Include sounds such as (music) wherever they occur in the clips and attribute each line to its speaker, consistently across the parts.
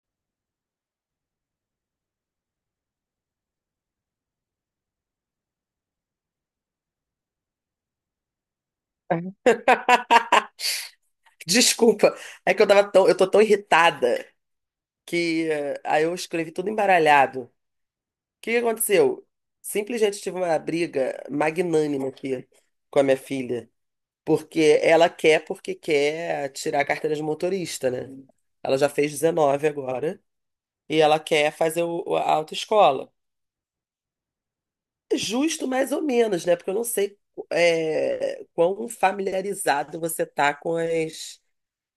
Speaker 1: (laughs) Ah, desculpa, é que eu tava tão, eu tô tão irritada que aí eu escrevi tudo embaralhado. O que que aconteceu? Simplesmente tive uma briga magnânima aqui com a minha filha, porque ela quer porque quer tirar a carteira de motorista, né? Ela já fez 19 agora e ela quer fazer a autoescola. Justo mais ou menos, né? Porque eu não sei é, quão familiarizado você tá com as,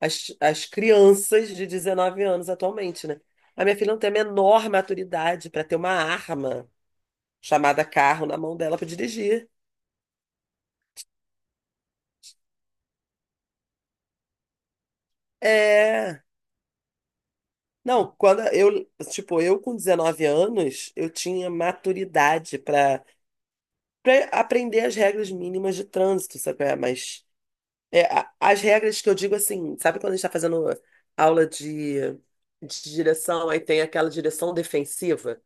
Speaker 1: as, as crianças de 19 anos atualmente, né? A minha filha não tem a menor maturidade para ter uma arma chamada carro na mão dela para dirigir. É. Não, quando eu, tipo, eu com 19 anos, eu tinha maturidade para aprender as regras mínimas de trânsito, sabe? Qual é? Mas é, as regras que eu digo assim, sabe quando a gente está fazendo aula de direção, aí tem aquela direção defensiva,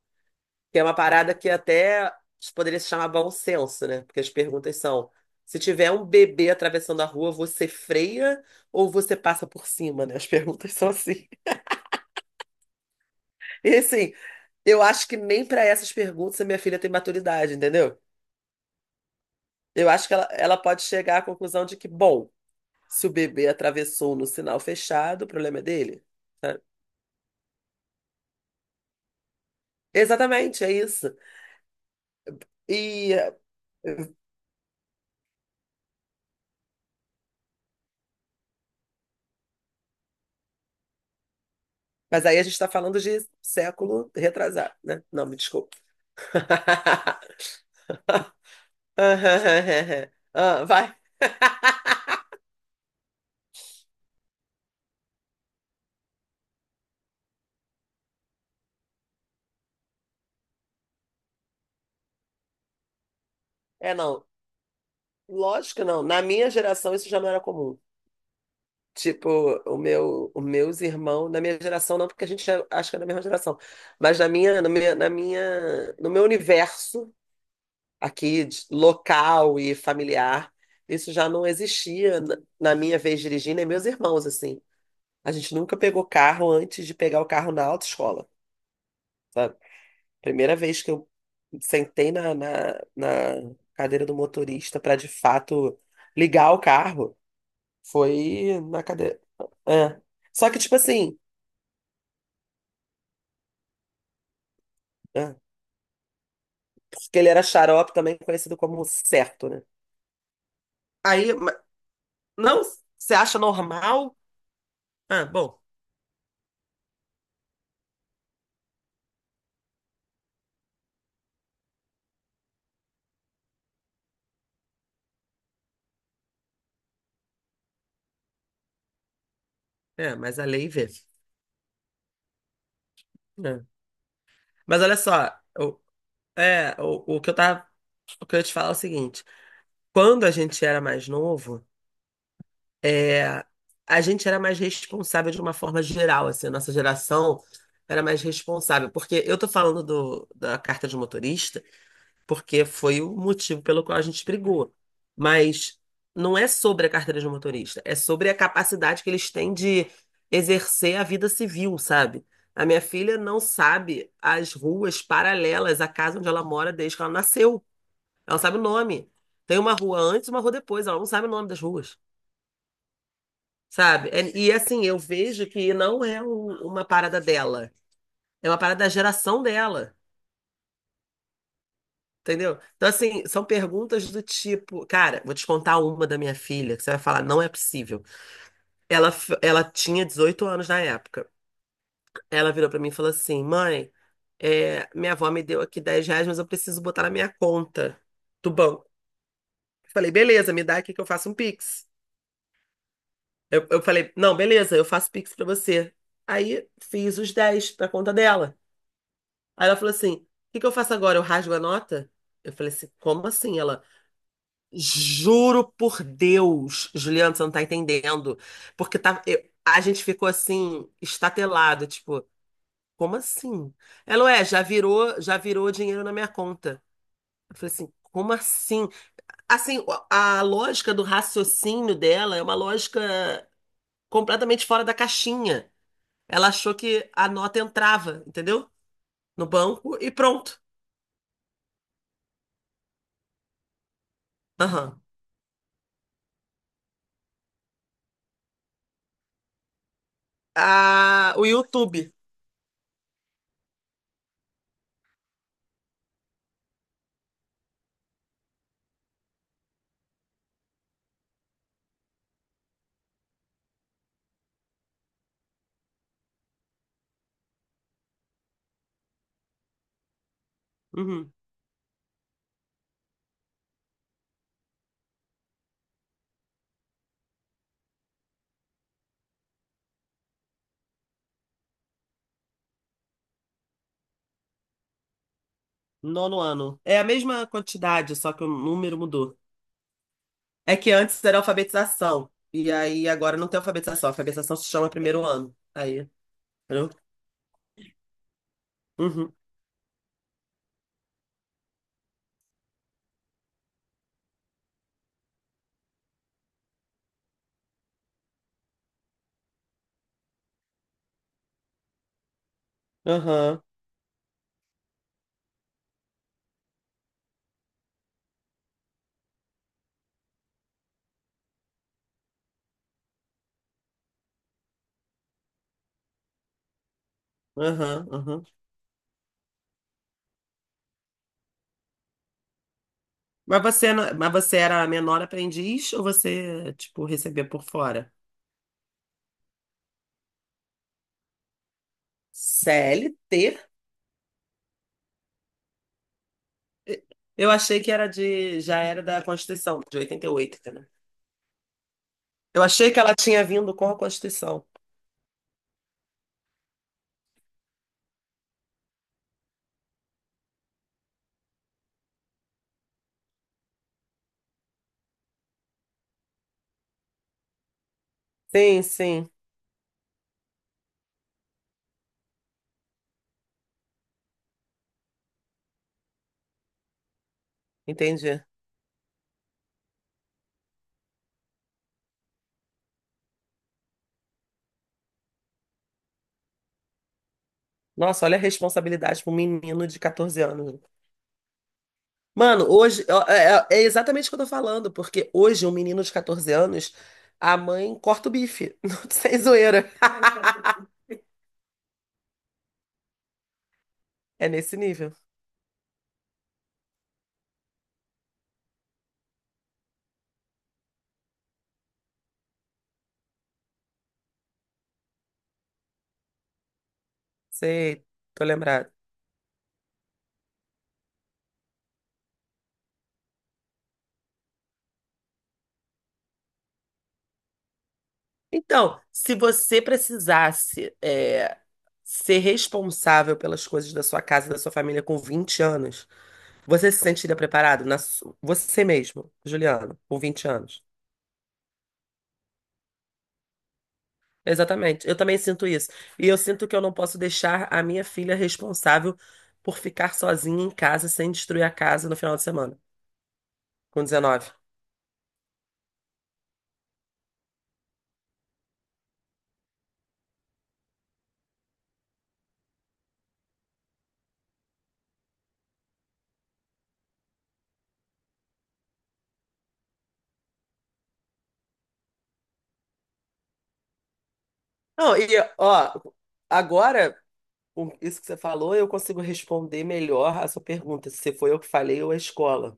Speaker 1: que é uma parada que até poderia se chamar bom senso, né? Porque as perguntas são: se tiver um bebê atravessando a rua, você freia ou você passa por cima, né? As perguntas são assim. (laughs) E assim, eu acho que nem para essas perguntas a minha filha tem maturidade, entendeu? Eu acho que ela pode chegar à conclusão de que, bom, se o bebê atravessou no sinal fechado, o problema é dele, sabe? Exatamente, é isso. E, mas aí a gente está falando de século retrasado, né? Não, me desculpa. (laughs) Ah, vai. É, não. Lógico que não. Na minha geração isso já não era comum. Tipo, os meus irmãos, na minha geração não, porque a gente é- acho que é da mesma geração, mas no meu universo aqui, de- local e familiar, isso já não existia na minha vez dirigindo, e meus irmãos, assim. A gente nunca pegou carro antes de pegar o carro na autoescola, sabe? Primeira vez que eu sentei na cadeira do motorista para de fato ligar o carro foi na cadeira. É. Só que, tipo assim, é, porque ele era xarope, também conhecido como certo, né? Aí, ma- não, você acha normal? Ah, bom, é, mas a lei vê. É. Mas olha só, o, é, o que eu tava, o que eu ia te falar é o seguinte: quando a gente era mais novo, a gente era mais responsável de uma forma geral, assim, a nossa geração era mais responsável, porque eu tô falando do, da carta de motorista, porque foi o motivo pelo qual a gente brigou, mas não é sobre a carteira de motorista, é sobre a capacidade que eles têm de exercer a vida civil, sabe? A minha filha não sabe as ruas paralelas à casa onde ela mora desde que ela nasceu. Ela não sabe o nome. Tem uma rua antes e uma rua depois. Ela não sabe o nome das ruas, sabe? É- E assim, eu vejo que não é um- uma parada dela, é uma parada da geração dela, entendeu? Então, assim, são perguntas do tipo, cara, vou te contar uma da minha filha, que você vai falar, não é possível. Ela, f- ela tinha 18 anos na época. Ela virou pra mim e falou assim: mãe, é, minha avó me deu aqui 10 reais, mas eu preciso botar na minha conta do banco. Eu falei, beleza, me dá aqui que eu faço um Pix. Eu falei, não, beleza, eu faço Pix pra você. Aí fiz os 10 pra conta dela. Aí ela falou assim: o que que eu faço agora? Eu rasgo a nota? Eu falei assim: como assim? Ela, juro por Deus, Juliana, você não tá entendendo. Porque tá, eu- a gente ficou assim, estatelado, tipo, como assim? Ela, ué, já virou dinheiro na minha conta. Eu falei assim: como assim? Assim, a lógica do raciocínio dela é uma lógica completamente fora da caixinha. Ela achou que a nota entrava, entendeu? No banco e pronto. Aham. Ah, o YouTube. Uhum. Nono ano. É a mesma quantidade, só que o número mudou. É que antes era alfabetização. E aí agora não tem alfabetização. Alfabetização se chama primeiro ano. Aí, entendeu? Uhum. Aham. Aham, aham. Mas você, não- mas você era menor aprendiz ou você, tipo, recebia por fora? CLT? Eu achei que era de, já era da Constituição, de 88, entendeu? Eu achei que ela tinha vindo com a Constituição. Sim, sim, entendi. Nossa, olha a responsabilidade para um menino de 14 anos. Mano, hoje ó, é, é exatamente o que eu tô falando, porque hoje um menino de 14 anos, a mãe corta o bife, (laughs) não sem zoeira. É nesse nível. Sei, tô lembrado. Então, se você precisasse é, ser responsável pelas coisas da sua casa e da sua família com 20 anos, você se sentiria preparado? Na su- Você mesmo, Juliano, com 20 anos. Exatamente. Eu também sinto isso. E eu sinto que eu não posso deixar a minha filha responsável por ficar sozinha em casa sem destruir a casa no final de semana, com 19. Não, e ó, agora, com isso que você falou, eu consigo responder melhor a sua pergunta, se foi eu que falei ou a escola.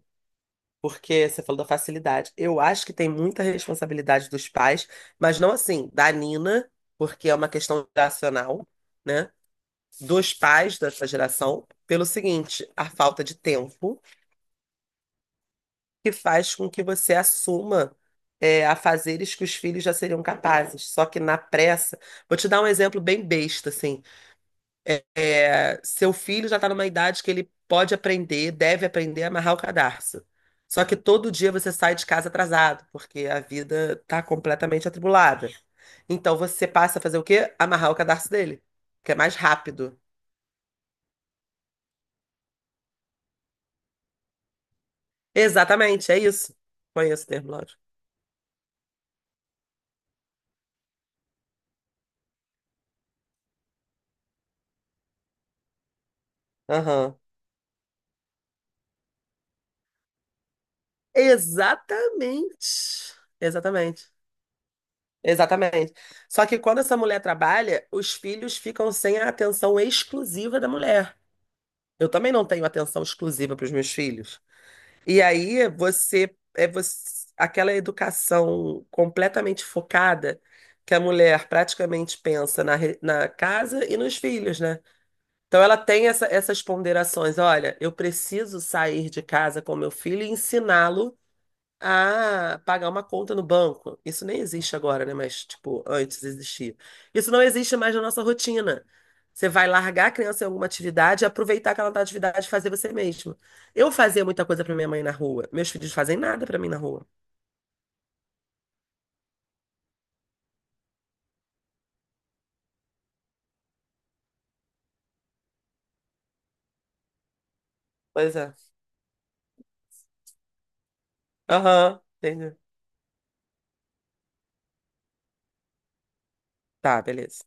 Speaker 1: Porque você falou da facilidade. Eu acho que tem muita responsabilidade dos pais, mas não assim, da Nina, porque é uma questão geracional, né? Dos pais dessa geração, pelo seguinte, a falta de tempo, que faz com que você assuma é, a fazeres que os filhos já seriam capazes. Só que na pressa, vou te dar um exemplo bem besta, assim. É, seu filho já está numa idade que ele pode aprender, deve aprender a amarrar o cadarço. Só que todo dia você sai de casa atrasado, porque a vida tá completamente atribulada. Então você passa a fazer o quê? Amarrar o cadarço dele, que é mais rápido. Exatamente, é isso. Conheço o termo, lógico. Aham. Exatamente. Exatamente. Exatamente. Só que quando essa mulher trabalha, os filhos ficam sem a atenção exclusiva da mulher. Eu também não tenho atenção exclusiva para os meus filhos. E aí você é você, aquela educação completamente focada que a mulher praticamente pensa na, re- na casa e nos filhos, né? Então ela tem essa- essas ponderações. Olha, eu preciso sair de casa com meu filho e ensiná-lo ah, pagar uma conta no banco. Isso nem existe agora, né? Mas, tipo, antes existia. Isso não existe mais na nossa rotina. Você vai largar a criança em alguma atividade e aproveitar aquela atividade e fazer você mesmo. Eu fazia muita coisa pra minha mãe na rua. Meus filhos fazem nada pra mim na rua. Pois é. Aham, entendi. Tá, beleza.